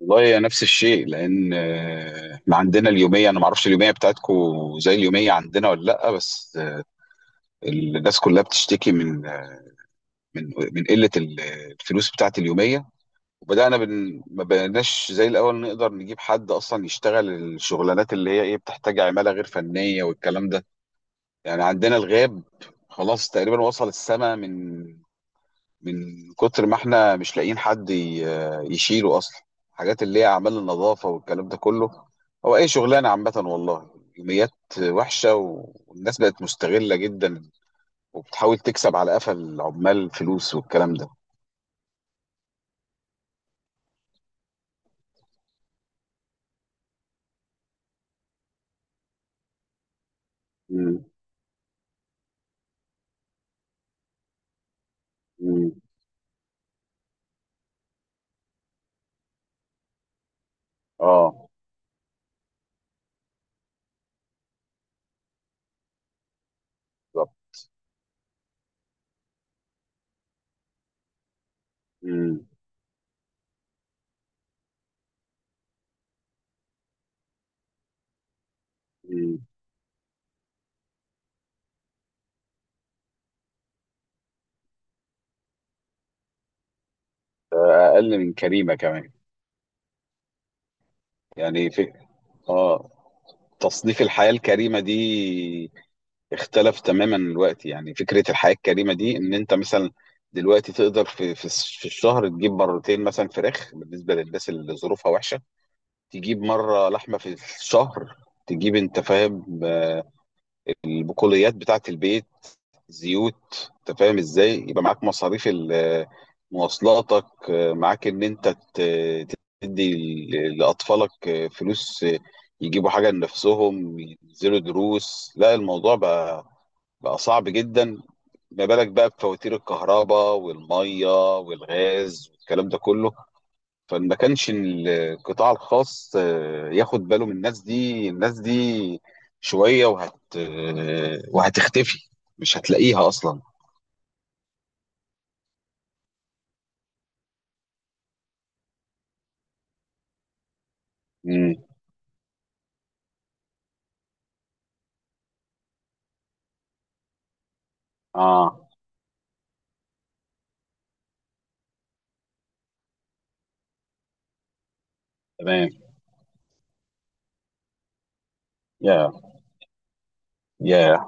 والله نفس الشيء لان احنا عندنا اليوميه. انا ما اعرفش اليوميه بتاعتكو زي اليوميه عندنا ولا لا، بس الناس كلها بتشتكي من قله الفلوس بتاعت اليوميه. وبدانا ما بقيناش زي الاول نقدر نجيب حد اصلا يشتغل الشغلانات اللي هي ايه، بتحتاج عماله غير فنيه والكلام ده. يعني عندنا الغاب خلاص تقريبا وصل السما، من كتر ما احنا مش لاقيين حد يشيله اصلا. حاجات اللي هي اعمال النظافه والكلام ده كله، هو اي شغلانه عامه والله. يوميات وحشه، والناس بقت مستغله جدا وبتحاول تكسب على قفا العمال فلوس والكلام ده. مم. مم. اه، بالظبط. مم. مم. ده اقل من كريمه كمان. يعني في، اه، تصنيف الحياه الكريمه دي اختلف تماما الوقت. يعني فكرة الحياة الكريمة دي ان انت مثلا دلوقتي تقدر في الشهر تجيب مرتين مثلا فراخ، بالنسبة للناس اللي ظروفها وحشة، تجيب مرة لحمة في الشهر، تجيب انت فاهم؟ البقوليات بتاعة البيت، زيوت. انت فاهم ازاي يبقى معاك مصاريف مواصلاتك، معاك ان انت ت- تدي لاطفالك فلوس يجيبوا حاجة لنفسهم، ينزلوا دروس. لا الموضوع بقى صعب جدا. ما بالك بقى بفواتير الكهرباء والميه والغاز والكلام ده كله. فما كانش القطاع الخاص ياخد باله من الناس دي. الناس دي شوية وهتختفي، مش هتلاقيها أصلا. مم. اه، تمام. يا يا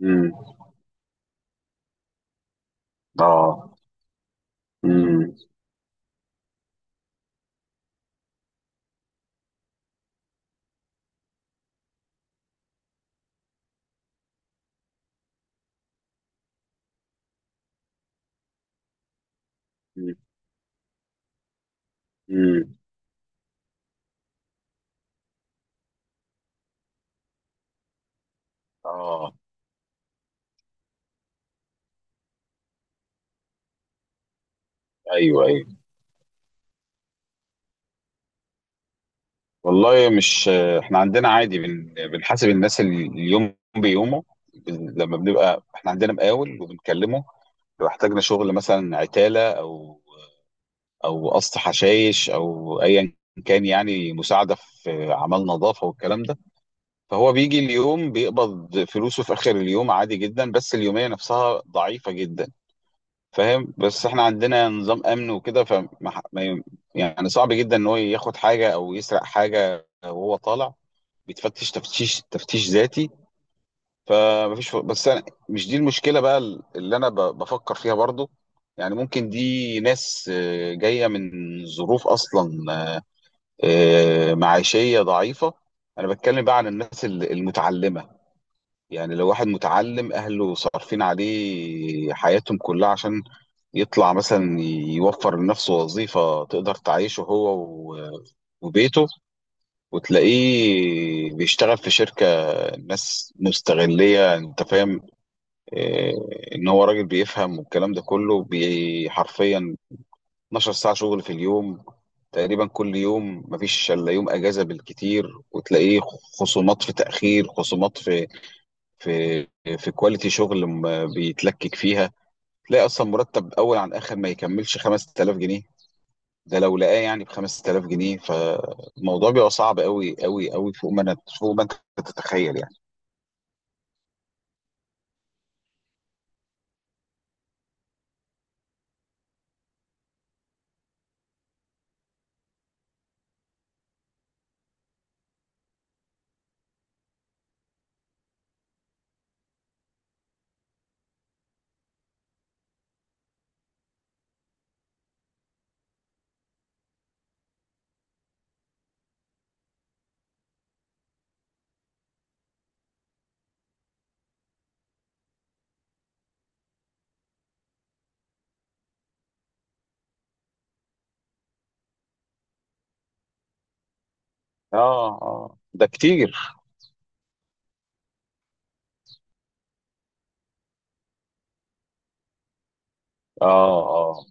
مم. اه. مم. مم. مم. اه. ايوه، ايوه. والله مش، احنا عندنا عادي، بنحاسب الناس اليوم بيومه. لما بنبقى احنا عندنا مقاول وبنكلمه لو احتاجنا شغل مثلا عتالة او قص حشايش او ايا كان، يعني مساعدة في اعمال نظافة والكلام ده، فهو بيجي اليوم، بيقبض فلوسه في اخر اليوم عادي جدا. بس اليومية نفسها ضعيفة جدا، فاهم؟ بس احنا عندنا نظام امن وكده، فما ح- ما ي- يعني صعب جدا ان هو ياخد حاجة او يسرق حاجة وهو طالع، بيتفتش تفتيش ذاتي. فمفيش، بس انا مش دي المشكله بقى اللي انا بفكر فيها برضو. يعني ممكن دي ناس جايه من ظروف اصلا معيشيه ضعيفه. انا بتكلم بقى عن الناس المتعلمه. يعني لو واحد متعلم اهله صارفين عليه حياتهم كلها عشان يطلع مثلا يوفر لنفسه وظيفه تقدر تعيشه هو و- وبيته، وتلاقيه بيشتغل في شركة ناس مستغلية. انت فاهم إيه؟ ان هو راجل بيفهم والكلام ده كله، حرفيا 12 ساعة شغل في اليوم تقريبا كل يوم، مفيش الا يوم اجازة بالكتير، وتلاقيه خصومات في تأخير، خصومات في في كواليتي شغل بيتلكك فيها. تلاقي اصلا مرتب اول عن اخر ما يكملش 5000 جنيه. ده لو لقاه يعني ب 5000 جنيه. فالموضوع بيبقى صعب قوي قوي قوي، فوق ما فوق ما انت تتخيل يعني. اه اه، ده كتير. اه اه.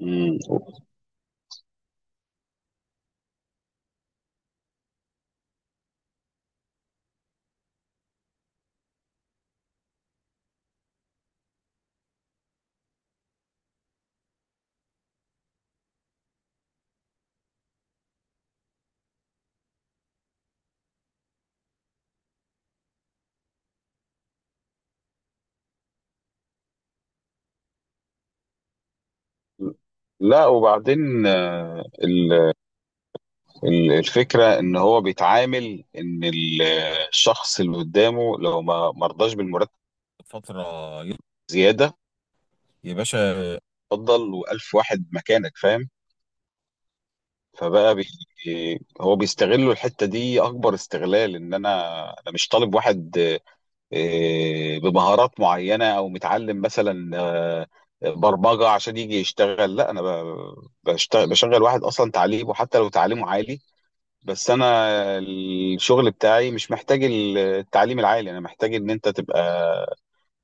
مم. لا وبعدين الفكرة ان هو بيتعامل ان الشخص اللي قدامه لو ما مرضاش بالمرتب فترة زيادة، يا باشا اتفضل، والف واحد مكانك، فاهم. فبقى هو بيستغلوا الحتة دي أكبر استغلال. إن أنا، مش طالب واحد بمهارات معينة أو متعلم مثلا برمجة عشان يجي يشتغل. لا أنا بشتغل بشغل واحد أصلا تعليمه حتى لو تعليمه عالي، بس أنا الشغل بتاعي مش محتاج التعليم العالي. أنا محتاج إن أنت تبقى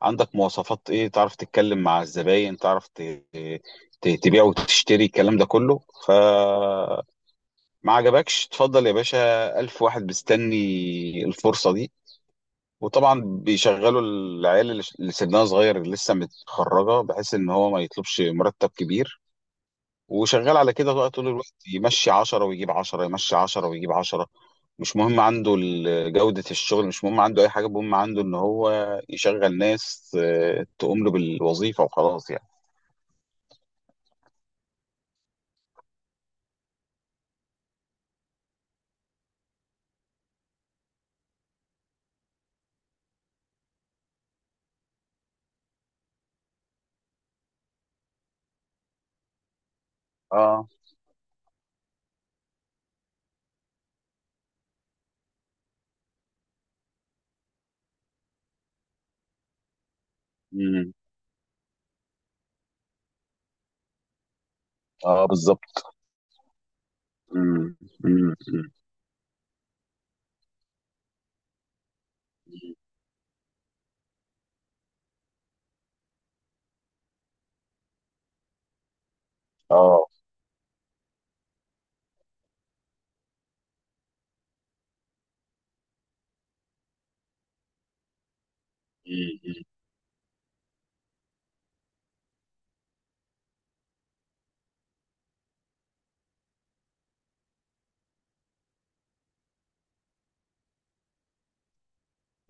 عندك مواصفات، إيه، تعرف تتكلم مع الزباين، تعرف تبيع وتشتري الكلام ده كله. ف، ما عجبكش اتفضل يا باشا، ألف واحد مستني الفرصة دي. وطبعا بيشغلوا العيال اللي سنها صغير، اللي لسه متخرجة، بحيث ان هو ما يطلبش مرتب كبير. وشغال على كده بقى طول الوقت، يمشي عشرة ويجيب عشرة، يمشي عشرة ويجيب عشرة. مش مهم عنده جودة الشغل، مش مهم عنده أي حاجة. المهم عنده ان هو يشغل ناس تقوم له بالوظيفة وخلاص يعني. اه، امم، اه بالظبط. امم. امم. امم. اه.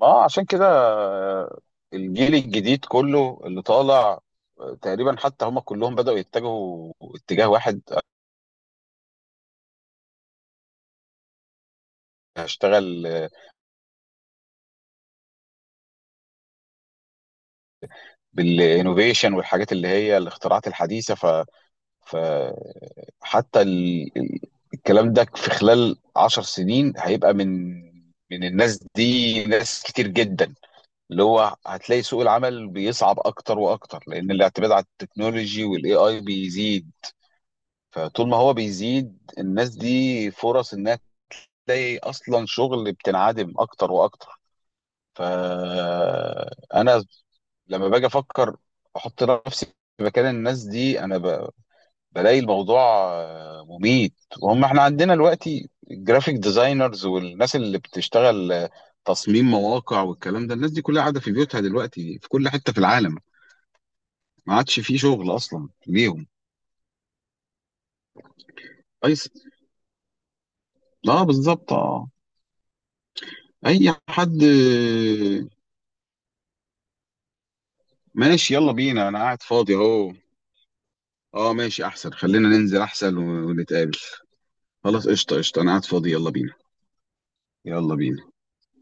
ما هو عشان كده الجيل الجديد كله اللي طالع تقريبا حتى هم كلهم بدأوا يتجهوا اتجاه واحد. هشتغل بالانوفيشن والحاجات اللي هي الاختراعات الحديثة. ف، فحتى الكلام ده في خلال 10 سنين هيبقى من الناس دي ناس كتير جدا، اللي هو هتلاقي سوق العمل بيصعب اكتر واكتر، لان الاعتماد على التكنولوجي والاي اي بيزيد. فطول ما هو بيزيد، الناس دي فرص انها تلاقي اصلا شغل بتنعدم اكتر واكتر. فانا لما باجي افكر، احط نفسي في مكان الناس دي، انا بلاقي الموضوع مميت. وهم احنا عندنا دلوقتي الجرافيك ديزاينرز والناس اللي بتشتغل تصميم مواقع والكلام ده، الناس دي كلها قاعده في بيوتها دلوقتي في كل حته في العالم. ما عادش في شغل اصلا ليهم. كويس. اه، بالظبط، اه. اي حد. ماشي، يلا بينا، انا قاعد فاضي اهو. اه ماشي احسن، خلينا ننزل احسن ونتقابل. خلاص، قشطة قشطة، انا قاعد فاضي، يلا بينا. يلا بينا.